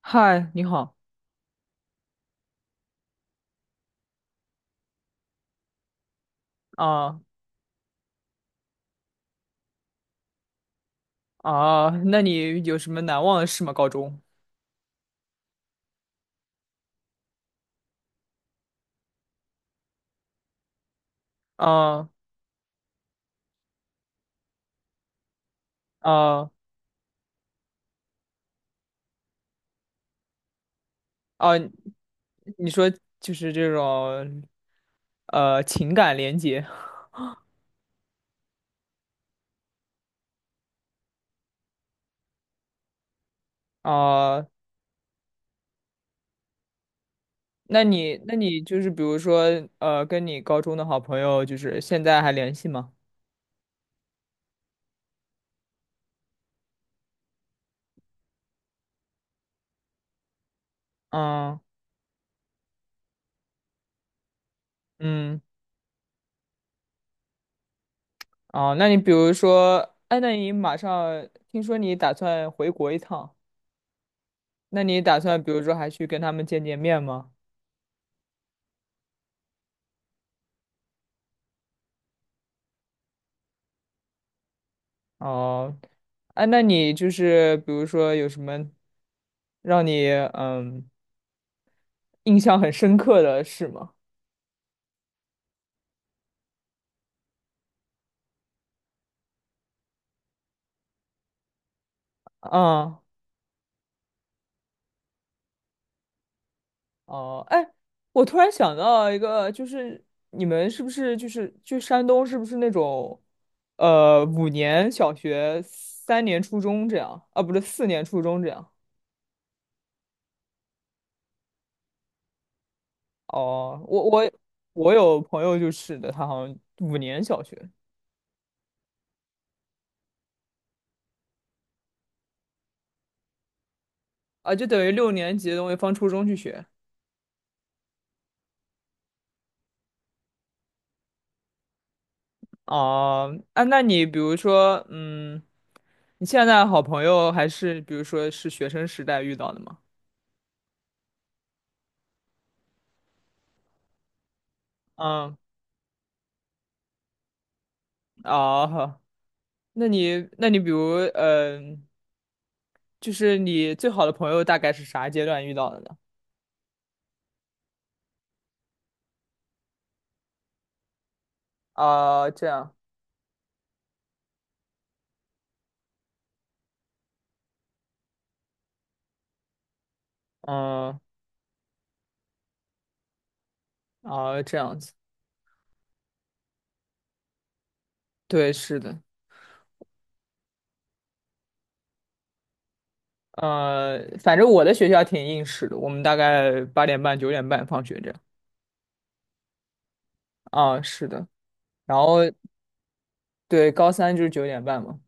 嗨，你好啊。啊，那你有什么难忘的事吗？高中。啊啊啊，你说就是这种情感连接。啊，那你就是比如说跟你高中的好朋友就是现在还联系吗？嗯嗯，啊。那你比如说，哎，那你马上听说你打算回国一趟，那你打算比如说还去跟他们见见面吗？哦，哎，那你就是比如说有什么让你印象很深刻的事吗？啊。哦，哎，我突然想到一个，就是你们是不是就是去山东，是不是那种五年小学、3年初中这样？啊，不是4年初中这样。哦，我有朋友就是的，他好像五年小学。啊，就等于6年级的东西放初中去学。哦。啊，那你比如说，你现在好朋友还是比如说是学生时代遇到的吗？嗯，哦，那你比如，就是你最好的朋友大概是啥阶段遇到的呢？啊，这样。嗯。啊，这样子。对，是的。反正我的学校挺硬实的，我们大概8点半九点半放学这样。啊，是的。然后对，高三就是九点半嘛。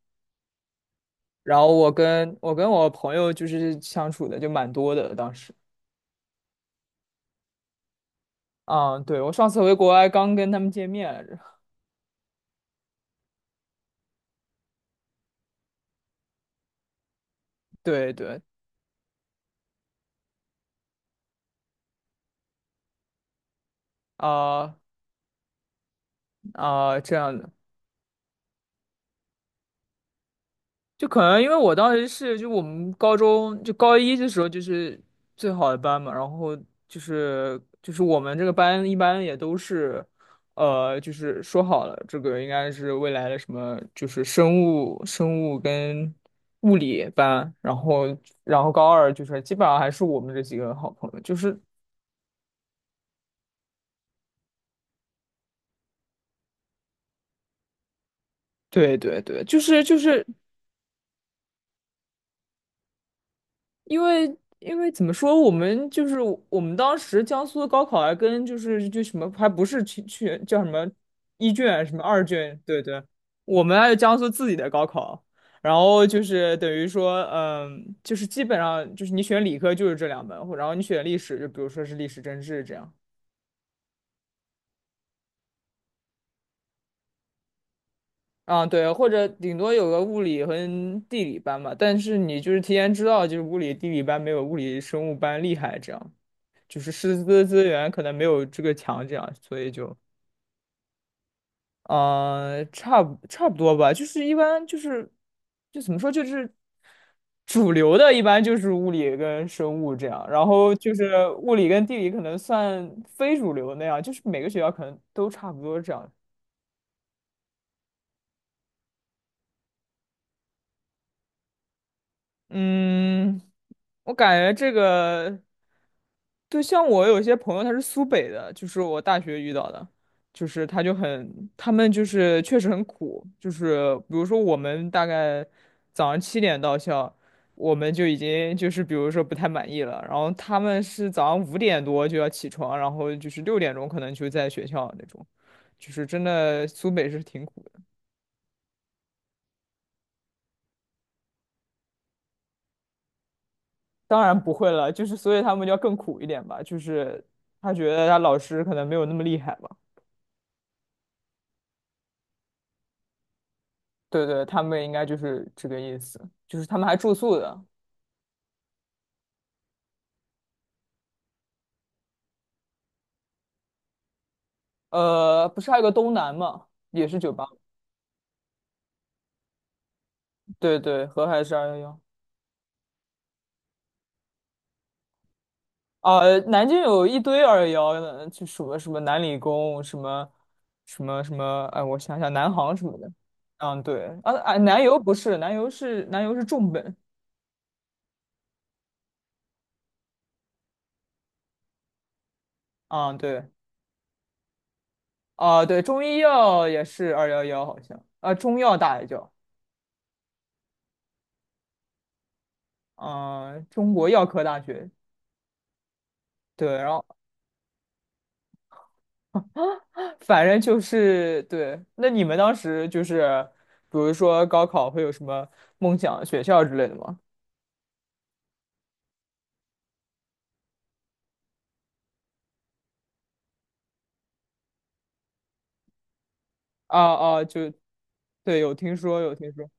然后我跟我朋友就是相处的就蛮多的，当时。啊，对，我上次回国还刚跟他们见面来着。对对，啊、啊、这样的。就可能因为我当时是就我们高中就高一的时候就是最好的班嘛，然后就是我们这个班一般也都是，就是说好了这个应该是未来的什么就是生物跟物理班，然后高二就是基本上还是我们这几个好朋友，就是对对对，就是因为怎么说，我们就是我们当时江苏的高考还跟就是就什么还不是去叫什么一卷什么二卷，对对，我们还有江苏自己的高考，然后就是等于说，就是基本上就是你选理科就是这2门，然后你选历史就比如说是历史政治这样。啊，对，或者顶多有个物理和地理班吧，但是你就是提前知道，就是物理、地理班没有物理生物班厉害这样。就是师资资源可能没有这个强，这样，所以就，差不多吧。就是一般就是，就怎么说，就是主流的，一般就是物理跟生物这样，然后就是物理跟地理可能算非主流那样，就是每个学校可能都差不多这样。嗯，我感觉这个，对，像我有些朋友他是苏北的，就是我大学遇到的，就是他就很，他们就是确实很苦，就是比如说我们大概早上7点到校，我们就已经就是比如说不太满意了，然后他们是早上5点多就要起床，然后就是6点钟可能就在学校那种，就是真的苏北是挺苦的。当然不会了，就是所以他们就要更苦一点吧，就是他觉得他老师可能没有那么厉害吧。对对，他们应该就是这个意思，就是他们还住宿的。不是还有个东南嘛，也是酒吧。对对，河海是二幺幺。啊，南京有一堆二幺幺的，就什么什么南理工，什么什么什么，哎，我想想，南航什么的。嗯，对，啊啊，南邮不是，南邮是重本。嗯，对。啊，对，中医药也是二幺幺，好像啊，中药大学，叫，啊，中国药科大学。对。然后反正就是对。那你们当时就是，比如说高考会有什么梦想学校之类的吗？啊啊，就对，有听说，有听说。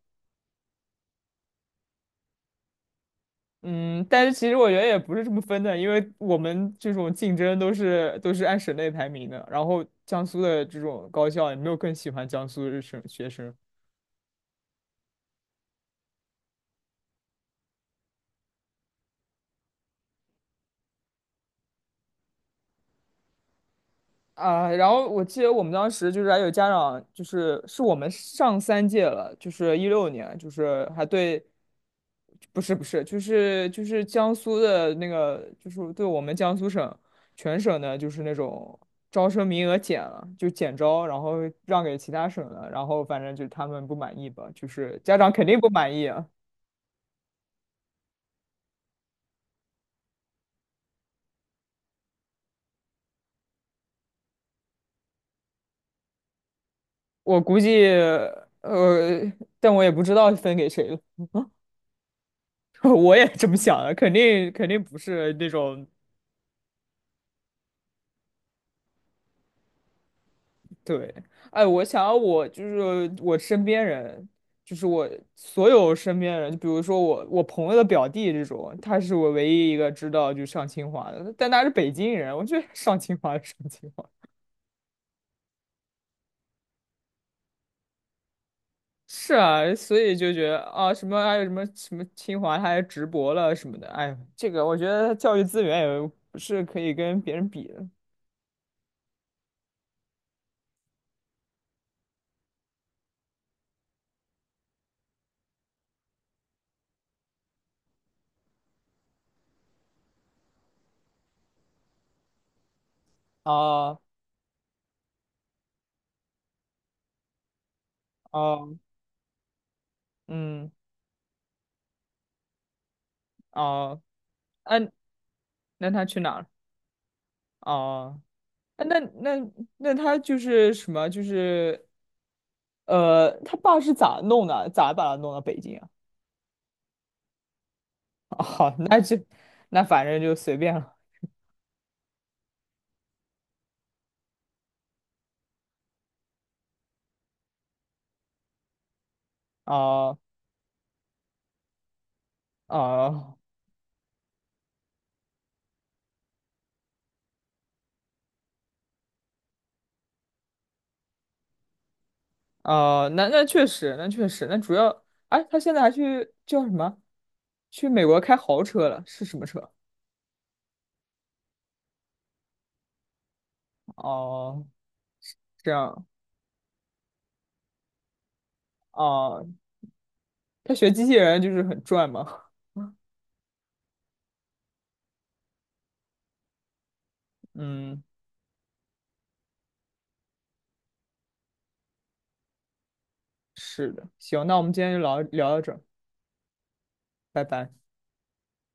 嗯，但是其实我觉得也不是这么分的，因为我们这种竞争都是按省内排名的，然后江苏的这种高校也没有更喜欢江苏的学生，啊，然后我记得我们当时就是还有家长，就是我们上3届了，就是2016年，就是还对。不是不是，就是江苏的那个，就是对我们江苏省全省的，就是那种招生名额减了，就减招，然后让给其他省了，然后反正就他们不满意吧，就是家长肯定不满意啊，我估计。呃，但我也不知道分给谁了。我也这么想的，肯定不是那种。对，哎，我想要我就是我身边人，就是我所有身边人，就比如说我朋友的表弟这种，他是我唯一一个知道就上清华的，但他是北京人。我觉得 上清华的上清华。是啊，所以就觉得啊，什么还有什么什么清华，他还直博了什么的。哎，这个我觉得教育资源也不是可以跟别人比的。啊啊，嗯哦。嗯，那他去哪儿了？哦。哎，那他就是什么？就是他爸是咋弄的？咋把他弄到北京啊？哦，那就。那反正就随便了。哦哦哦，那确实，那确实，那主要，哎，他现在还去叫什么？去美国开豪车了？是什么车？哦，这样。哦，他学机器人就是很赚嘛。嗯，是的。行，那我们今天就聊到这儿。拜拜。